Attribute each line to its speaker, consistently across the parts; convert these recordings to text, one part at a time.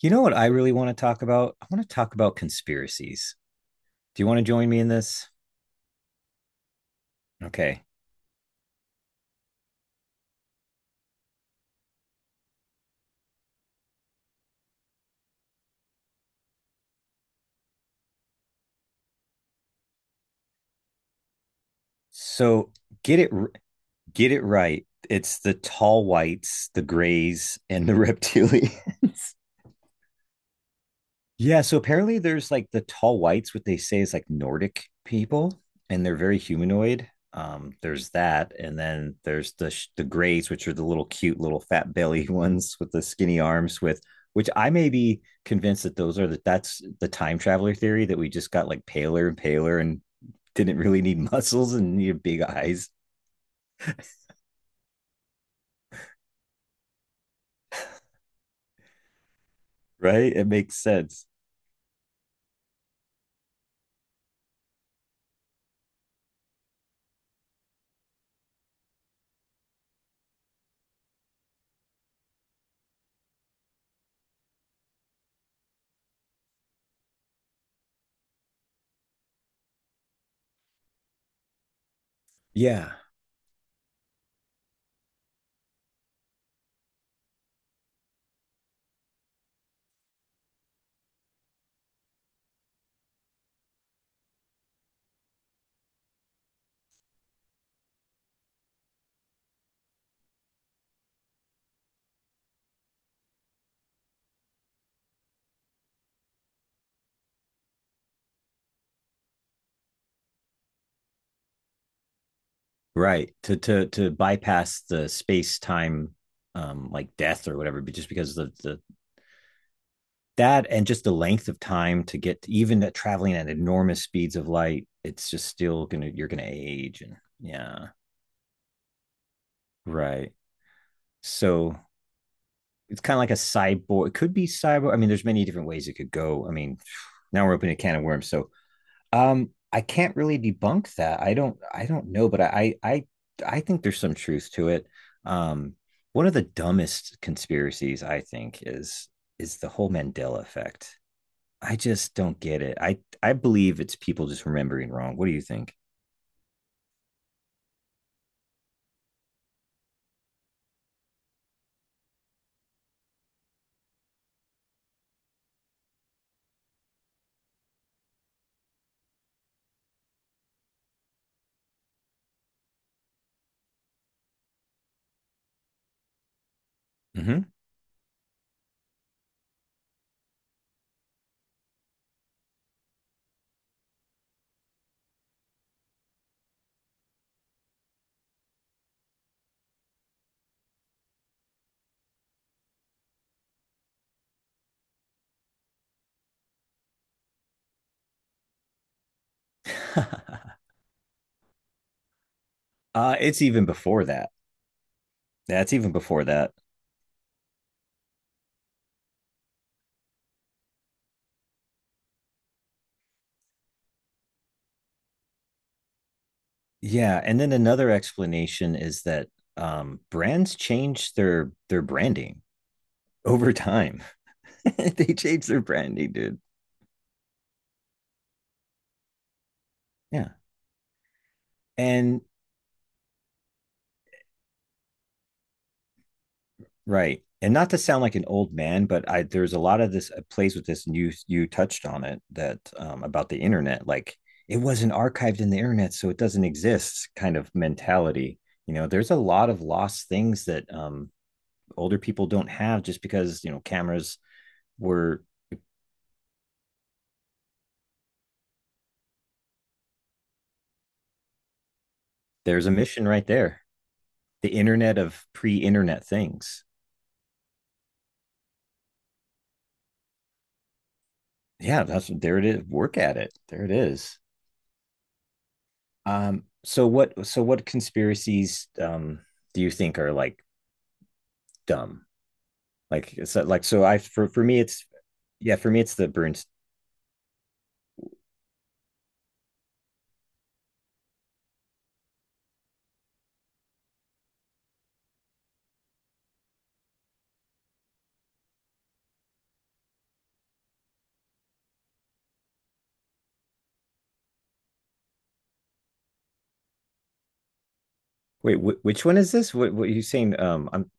Speaker 1: You know what I really want to talk about? I want to talk about conspiracies. Do you want to join me in this? Okay. So get it get it right. It's the tall whites, the grays, and the reptilians. Yeah, so apparently there's like the tall whites, what they say is like Nordic people, and they're very humanoid. There's that, and then there's the grays, which are the little cute little fat belly ones with the skinny arms. With which I may be convinced that those are that's the time traveler theory that we just got like paler and paler and didn't really need muscles and needed big eyes, right? It makes sense. Yeah, right. To bypass the space time like death or whatever, but just because the that, and just the length of time to get to, even at traveling at enormous speeds of light, it's just still gonna, you're gonna age and yeah, right. So it's kind of like a cyborg. It could be cyborg. I mean, there's many different ways it could go. I mean, now we're opening a can of worms. So I can't really debunk that. I don't know, but I think there's some truth to it. Um One of the dumbest conspiracies I think is the whole Mandela effect. I just don't get it. I believe it's people just remembering wrong. What do you think? Mm-hmm. It's even before that. That's even before that. Yeah, and then another explanation is that brands change their branding over time. They change their branding, dude. Yeah, and right. And not to sound like an old man, but I, there's a lot of this plays with this, and you touched on it, that about the internet, like it wasn't archived in the internet, so it doesn't exist kind of mentality. You know, there's a lot of lost things that older people don't have, just because, you know, cameras were. There's a mission right there, the internet of pre-internet things. Yeah, that's there it is. Work at it. There it is. So what? So what conspiracies do you think are like dumb? Like it's like so I for me it's yeah, for me it's the Bruins. Wait, which one is this? What are you saying? I'm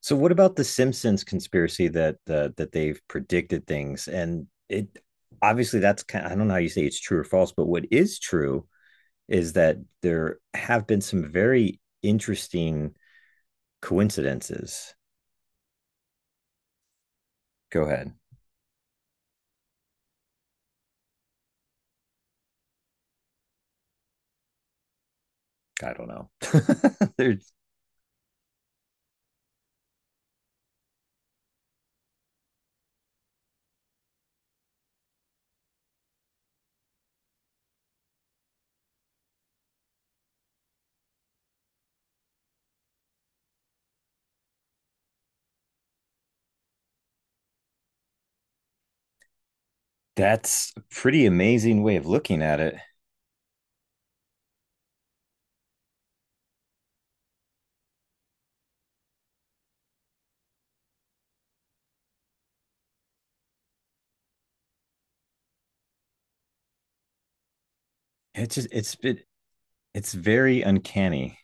Speaker 1: So what about the Simpsons conspiracy that that they've predicted things, and it obviously that's kind, I don't know how you say it's true or false, but what is true is that there have been some very interesting coincidences. Go ahead. I don't know. There's that's a pretty amazing way of looking at it. It's just it's been it's very uncanny.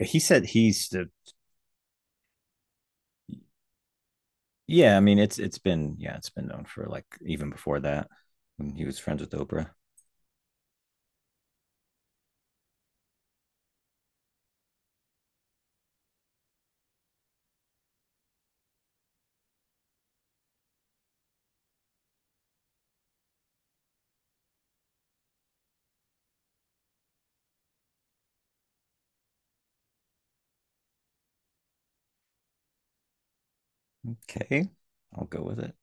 Speaker 1: He said he's the yeah, I mean it's been yeah, it's been known for like even before that, when he was friends with Oprah. Okay, I'll go with it.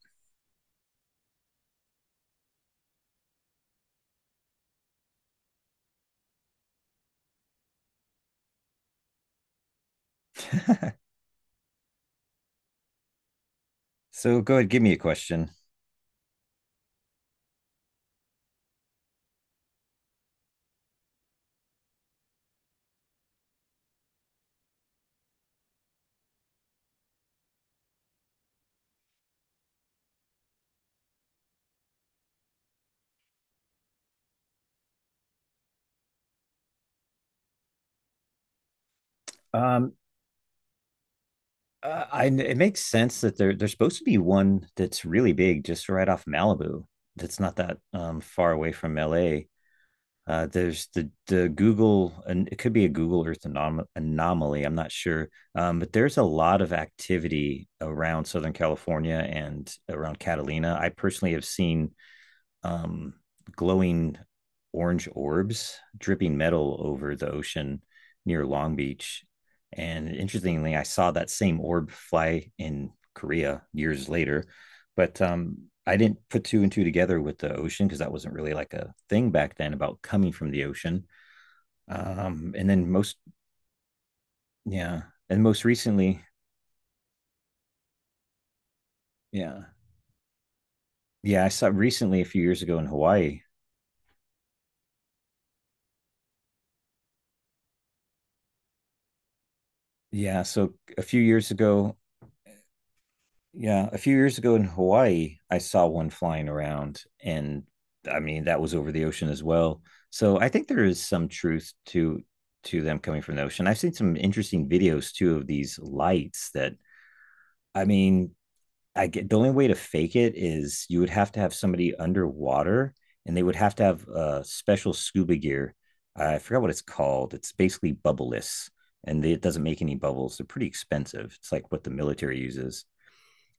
Speaker 1: So go ahead, give me a question. Um I, it makes sense that there's supposed to be one that's really big just right off Malibu. That's not that far away from LA. There's the Google, and it could be a Google Earth anomaly. I'm not sure, but there's a lot of activity around Southern California and around Catalina. I personally have seen um, glowing orange orbs dripping metal over the ocean near Long Beach. And interestingly, I saw that same orb fly in Korea years later, but I didn't put two and two together with the ocean, because that wasn't really like a thing back then about coming from the ocean. And then most, yeah, and most recently, yeah, yeah, I saw recently a few years ago in Hawaii. Yeah, so a few years ago, yeah, a few years ago in Hawaii, I saw one flying around, and I mean that was over the ocean as well. So I think there is some truth to them coming from the ocean. I've seen some interesting videos too of these lights that, I mean, I get the only way to fake it is you would have to have somebody underwater, and they would have to have special scuba gear. I forgot what it's called. It's basically bubbleless, and they, it doesn't make any bubbles. They're pretty expensive. It's like what the military uses,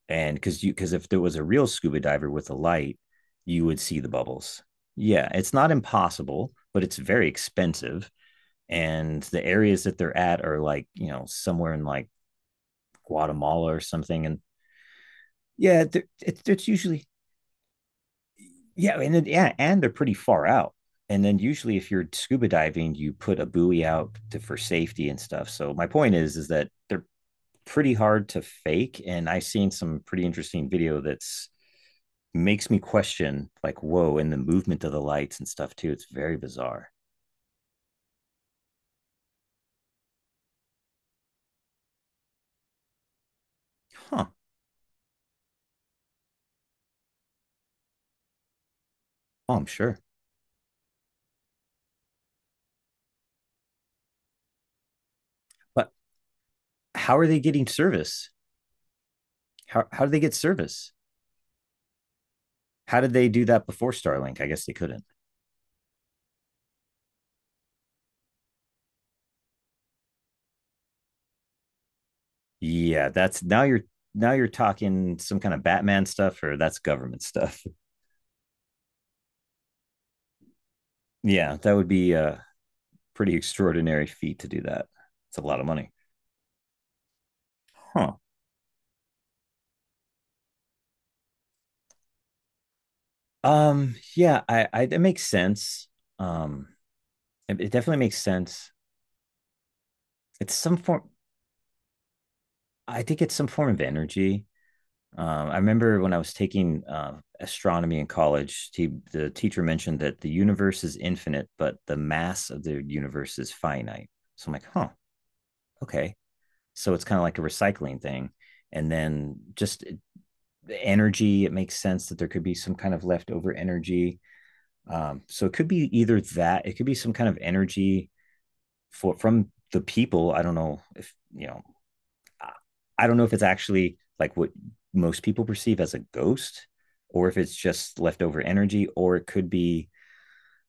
Speaker 1: and because you, because if there was a real scuba diver with a light, you would see the bubbles. Yeah, it's not impossible, but it's very expensive, and the areas that they're at are like, you know, somewhere in like Guatemala or something, and yeah, it's usually yeah, and then, yeah, and they're pretty far out, and then usually if you're scuba diving, you put a buoy out to, for safety and stuff, so my point is that they're pretty hard to fake, and I've seen some pretty interesting video that's makes me question like, whoa, and the movement of the lights and stuff too, it's very bizarre. Huh. Oh, I'm sure. But how are they getting service? How do they get service? How did they do that before Starlink? I guess they couldn't. Yeah, that's now you're, now you're talking some kind of Batman stuff, or that's government stuff. Yeah, that would be a pretty extraordinary feat to do that. It's a lot of money. Huh. Yeah, I it makes sense. um it, it definitely makes sense. It's some form, I think it's some form of energy. I remember when I was taking astronomy in college, he, the teacher mentioned that the universe is infinite, but the mass of the universe is finite. So I'm like, huh, okay. So it's kind of like a recycling thing. And then just energy, it makes sense that there could be some kind of leftover energy. So it could be either that, it could be some kind of energy for from the people. I don't know if you know, I don't know if it's actually like what most people perceive as a ghost, or if it's just leftover energy, or it could be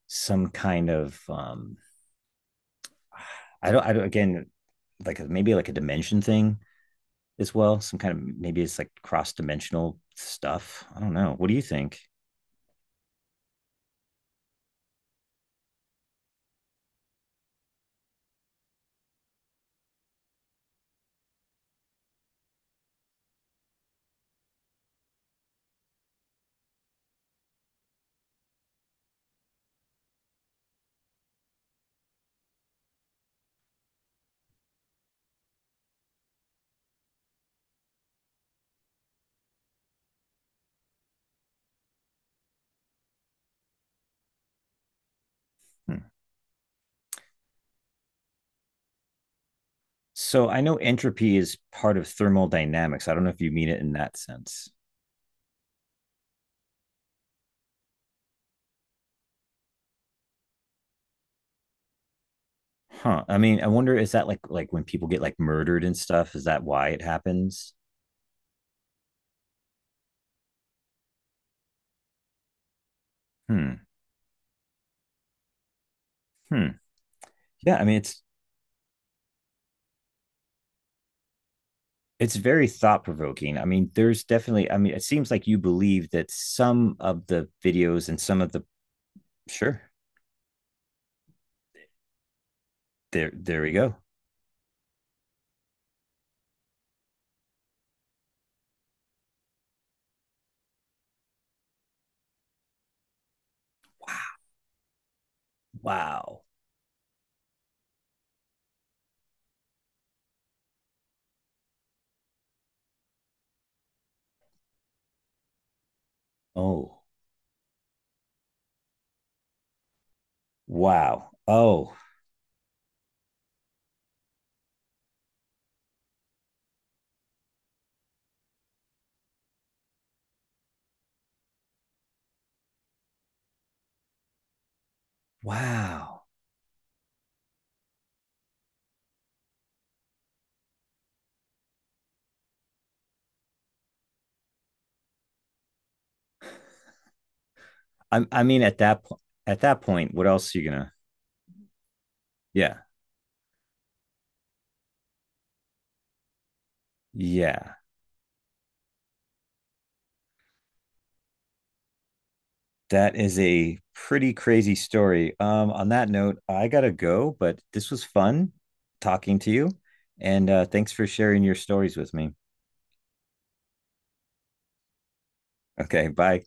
Speaker 1: some kind of I don't again, like maybe like a dimension thing as well, some kind of, maybe it's like cross dimensional stuff. I don't know. What do you think? Hmm. So I know entropy is part of thermodynamics. I don't know if you mean it in that sense. Huh. I mean, I wonder, is that like when people get like murdered and stuff, is that why it happens? Hmm. Hmm. Yeah, I mean it's very thought provoking. I mean, there's definitely, I mean, it seems like you believe that some of the videos and some of the, sure, there we go. Wow. Oh, wow. Oh, wow. I mean, at that point, what else are you gonna? Yeah, yeah. That is a pretty crazy story. On that note, I gotta go, but this was fun talking to you, and thanks for sharing your stories with me. Okay, bye.